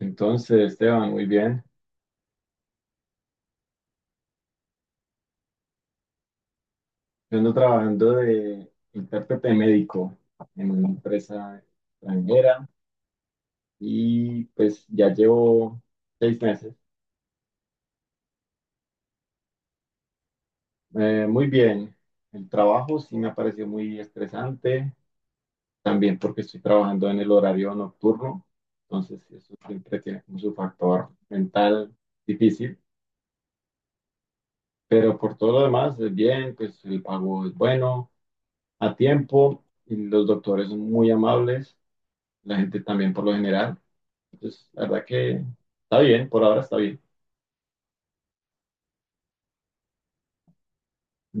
Entonces, Esteban, muy bien. Yo ando trabajando de intérprete médico en una empresa extranjera y pues ya llevo 6 meses. Muy bien. El trabajo sí me ha parecido muy estresante, también porque estoy trabajando en el horario nocturno, entonces sí, eso siempre tiene como su factor mental difícil, pero por todo lo demás, es bien, pues el pago es bueno, a tiempo y los doctores son muy amables. La gente también por lo general. Entonces, la verdad que está bien, por ahora está bien.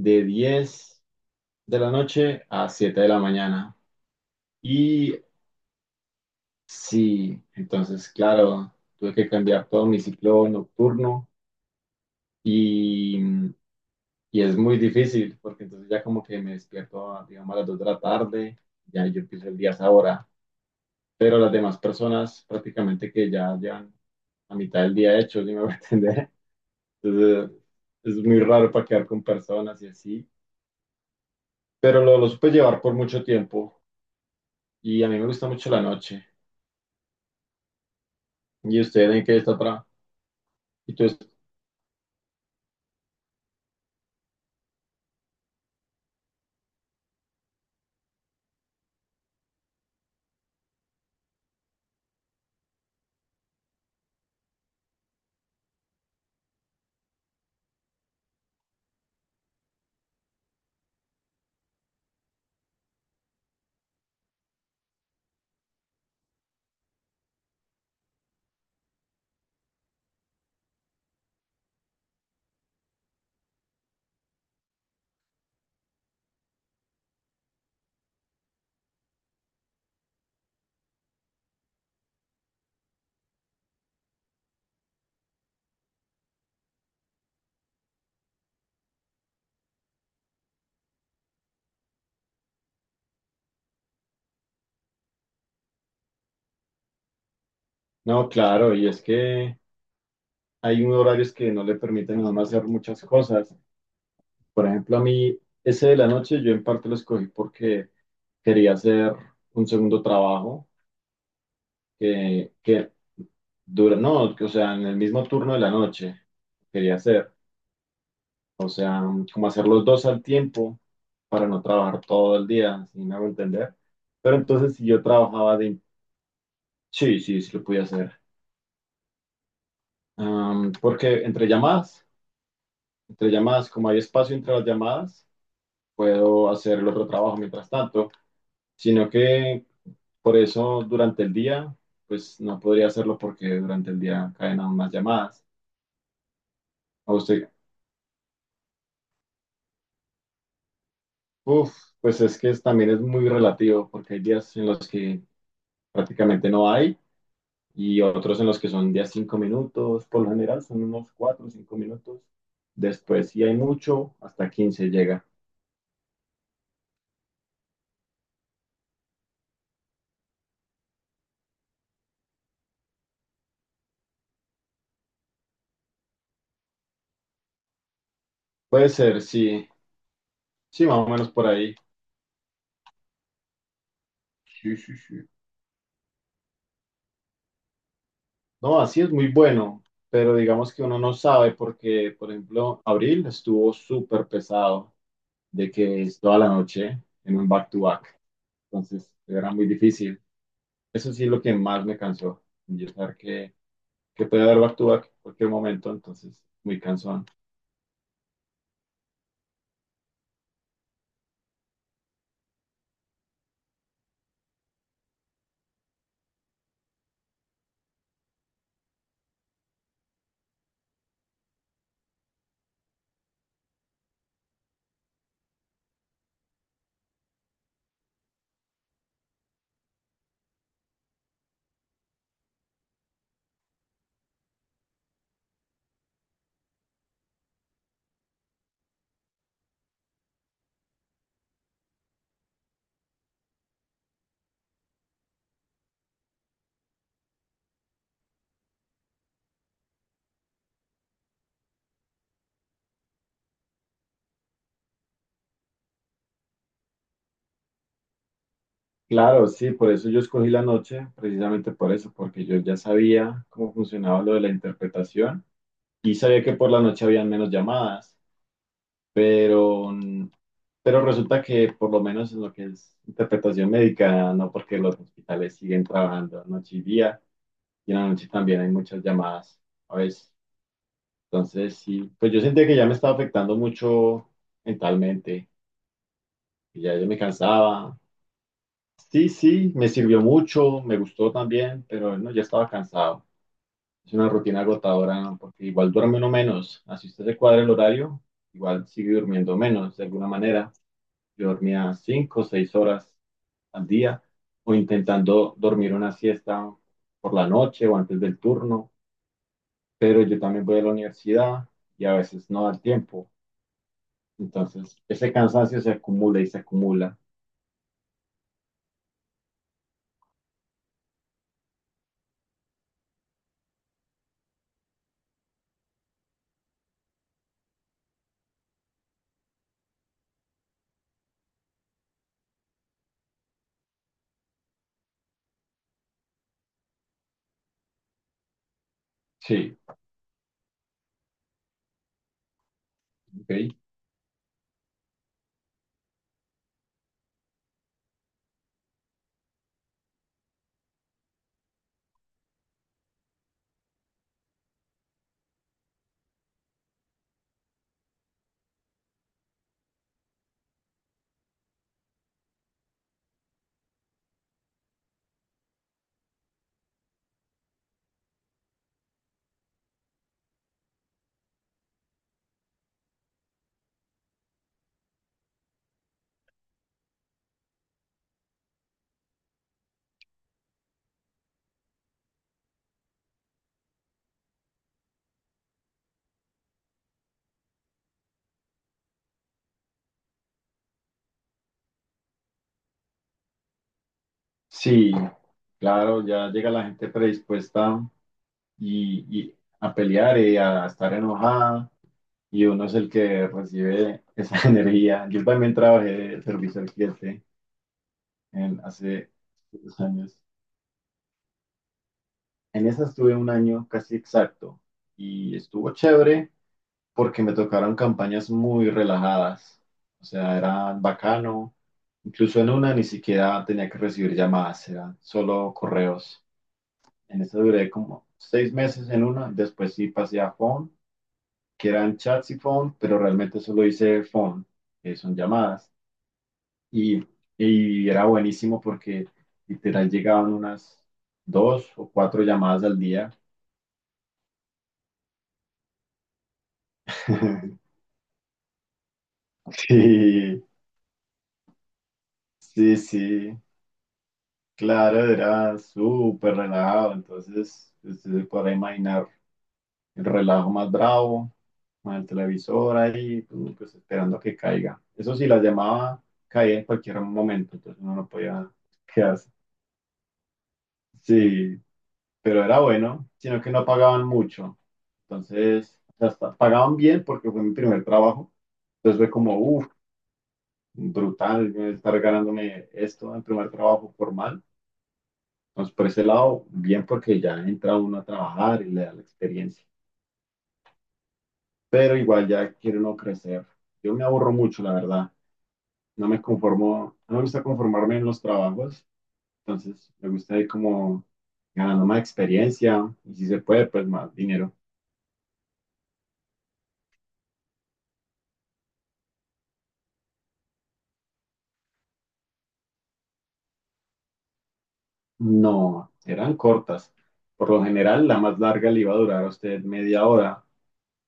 De 10 de la noche a 7 de la mañana. Y sí, entonces, claro, tuve que cambiar todo mi ciclo nocturno y, y es muy difícil porque entonces ya como que me despierto, digamos, a las 2 de la tarde, ya yo empiezo el día a esa hora. Pero las demás personas prácticamente que ya llevan la mitad del día hecho, ¿sí me voy a entender? Entonces, es muy raro para quedar con personas y así, pero lo supe llevar por mucho tiempo y a mí me gusta mucho la noche. ¿Y usted en qué está atrás? Y tú, no, claro, y es que hay unos horarios que no le permiten a uno hacer muchas cosas. Por ejemplo, a mí, ese de la noche yo en parte lo escogí porque quería hacer un segundo trabajo que dura, no, que, o sea, en el mismo turno de la noche quería hacer, o sea, como hacer los dos al tiempo para no trabajar todo el día, si me hago entender. Pero entonces si yo trabajaba de, sí, sí, sí lo podía hacer. Porque entre llamadas, como hay espacio entre las llamadas, puedo hacer el otro trabajo mientras tanto, sino que por eso durante el día, pues no podría hacerlo porque durante el día caen aún más llamadas. ¿A usted, Uf, pues también es muy relativo, porque hay días en los que prácticamente no hay y otros en los que son días 5 minutos, por lo general son unos 4 o 5 minutos. Después, si hay mucho, hasta 15 llega. Puede ser, sí, sí, más o menos por ahí. Sí, sí, sí. No, así es muy bueno, pero digamos que uno no sabe porque, por ejemplo, abril estuvo súper pesado de que es toda la noche en un back-to-back. Entonces, era muy difícil. Eso sí es lo que más me cansó, yo saber que puede haber back-to-back en cualquier momento, entonces, muy cansón. Claro, sí, por eso yo escogí la noche, precisamente por eso, porque yo ya sabía cómo funcionaba lo de la interpretación y sabía que por la noche habían menos llamadas. pero, mm, pero resulta que por lo menos en lo que es interpretación médica, no porque los hospitales siguen trabajando noche y día, y en la noche también hay muchas llamadas a veces. Entonces, sí, pues yo sentía que ya me estaba afectando mucho mentalmente, y ya yo me cansaba. Sí, sí, me sirvió mucho, me gustó también, pero no, ya estaba cansado. Es una rutina agotadora, ¿no? Porque igual duerme uno menos. Así usted se cuadra el horario, igual sigue durmiendo menos de alguna manera. Yo dormía 5 o 6 horas al día, o intentando dormir una siesta por la noche o antes del turno, pero yo también voy a la universidad y a veces no da el tiempo. Entonces, ese cansancio se acumula y se acumula. Sí, ok. Sí, claro, ya llega la gente predispuesta y a pelear y a estar enojada y uno es el que recibe esa energía. Yo también trabajé de servicio al cliente hace 2 años. En esa estuve un año casi exacto y estuvo chévere porque me tocaron campañas muy relajadas, o sea, era bacano. Incluso en una ni siquiera tenía que recibir llamadas, eran solo correos. En esa duré como 6 meses en una, después sí pasé a phone, que eran chats y phone, pero realmente solo hice phone, que son llamadas. Y, y era buenísimo porque literal llegaban unas dos o cuatro llamadas al día. Sí, sí, sí, claro, era súper relajado, entonces usted se podrá imaginar el relajo más bravo, con el televisor ahí, tú, pues esperando a que caiga. Eso sí, la llamaba caía en cualquier momento, entonces uno no podía quedarse. Sí, pero era bueno, sino que no pagaban mucho. Entonces, hasta pagaban bien porque fue mi primer trabajo. Entonces fue como, uff, brutal estar ganándome esto en primer trabajo formal. Entonces, por ese lado, bien porque ya entra uno a trabajar y le da la experiencia. Pero igual ya quiero no crecer. Yo me aburro mucho, la verdad. No me conformo, no me gusta conformarme en los trabajos, entonces me gusta ir como ganando más experiencia y si se puede, pues más dinero. No, eran cortas. Por lo general, la más larga le iba a durar a usted media hora,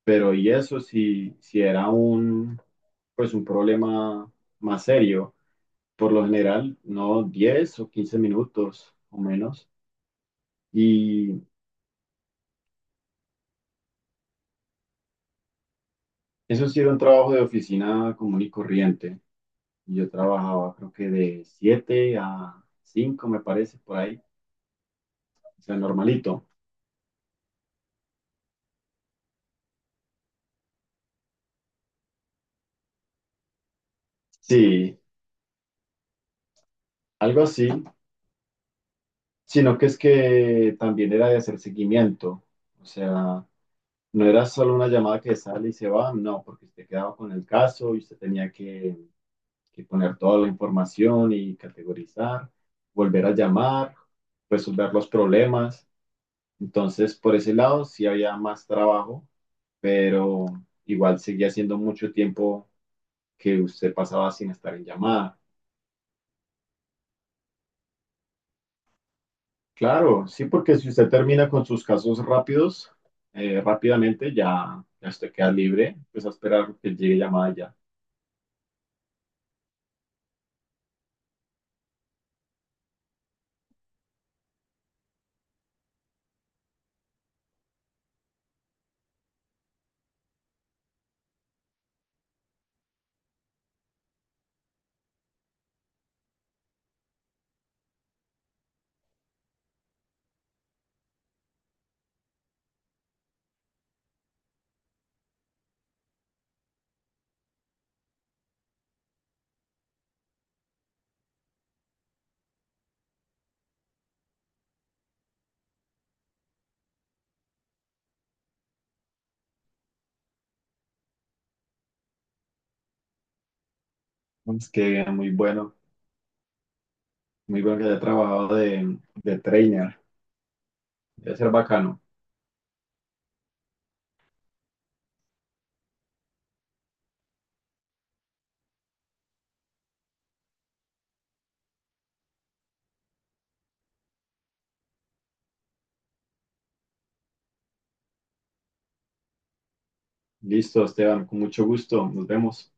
pero y eso si, si era un, pues un problema más serio. Por lo general, no 10 o 15 minutos o menos. Y Eso sí era un trabajo de oficina común y corriente. Yo trabajaba creo que de 7 a 5 me parece, por ahí. O sea, normalito. Sí, algo así. Sino que es que también era de hacer seguimiento. O sea, no era solo una llamada que sale y se va, no, porque usted quedaba con el caso y usted tenía que poner toda la información y categorizar, volver a llamar, resolver los problemas. Entonces, por ese lado sí había más trabajo, pero igual seguía siendo mucho tiempo que usted pasaba sin estar en llamada. Claro, sí, porque si usted termina con sus casos rápidos, rápidamente ya usted queda libre, pues a esperar que llegue llamada y ya. Es que muy bueno, muy bueno que haya trabajado de trainer. Debe ser bacano. Listo, Esteban, con mucho gusto. Nos vemos.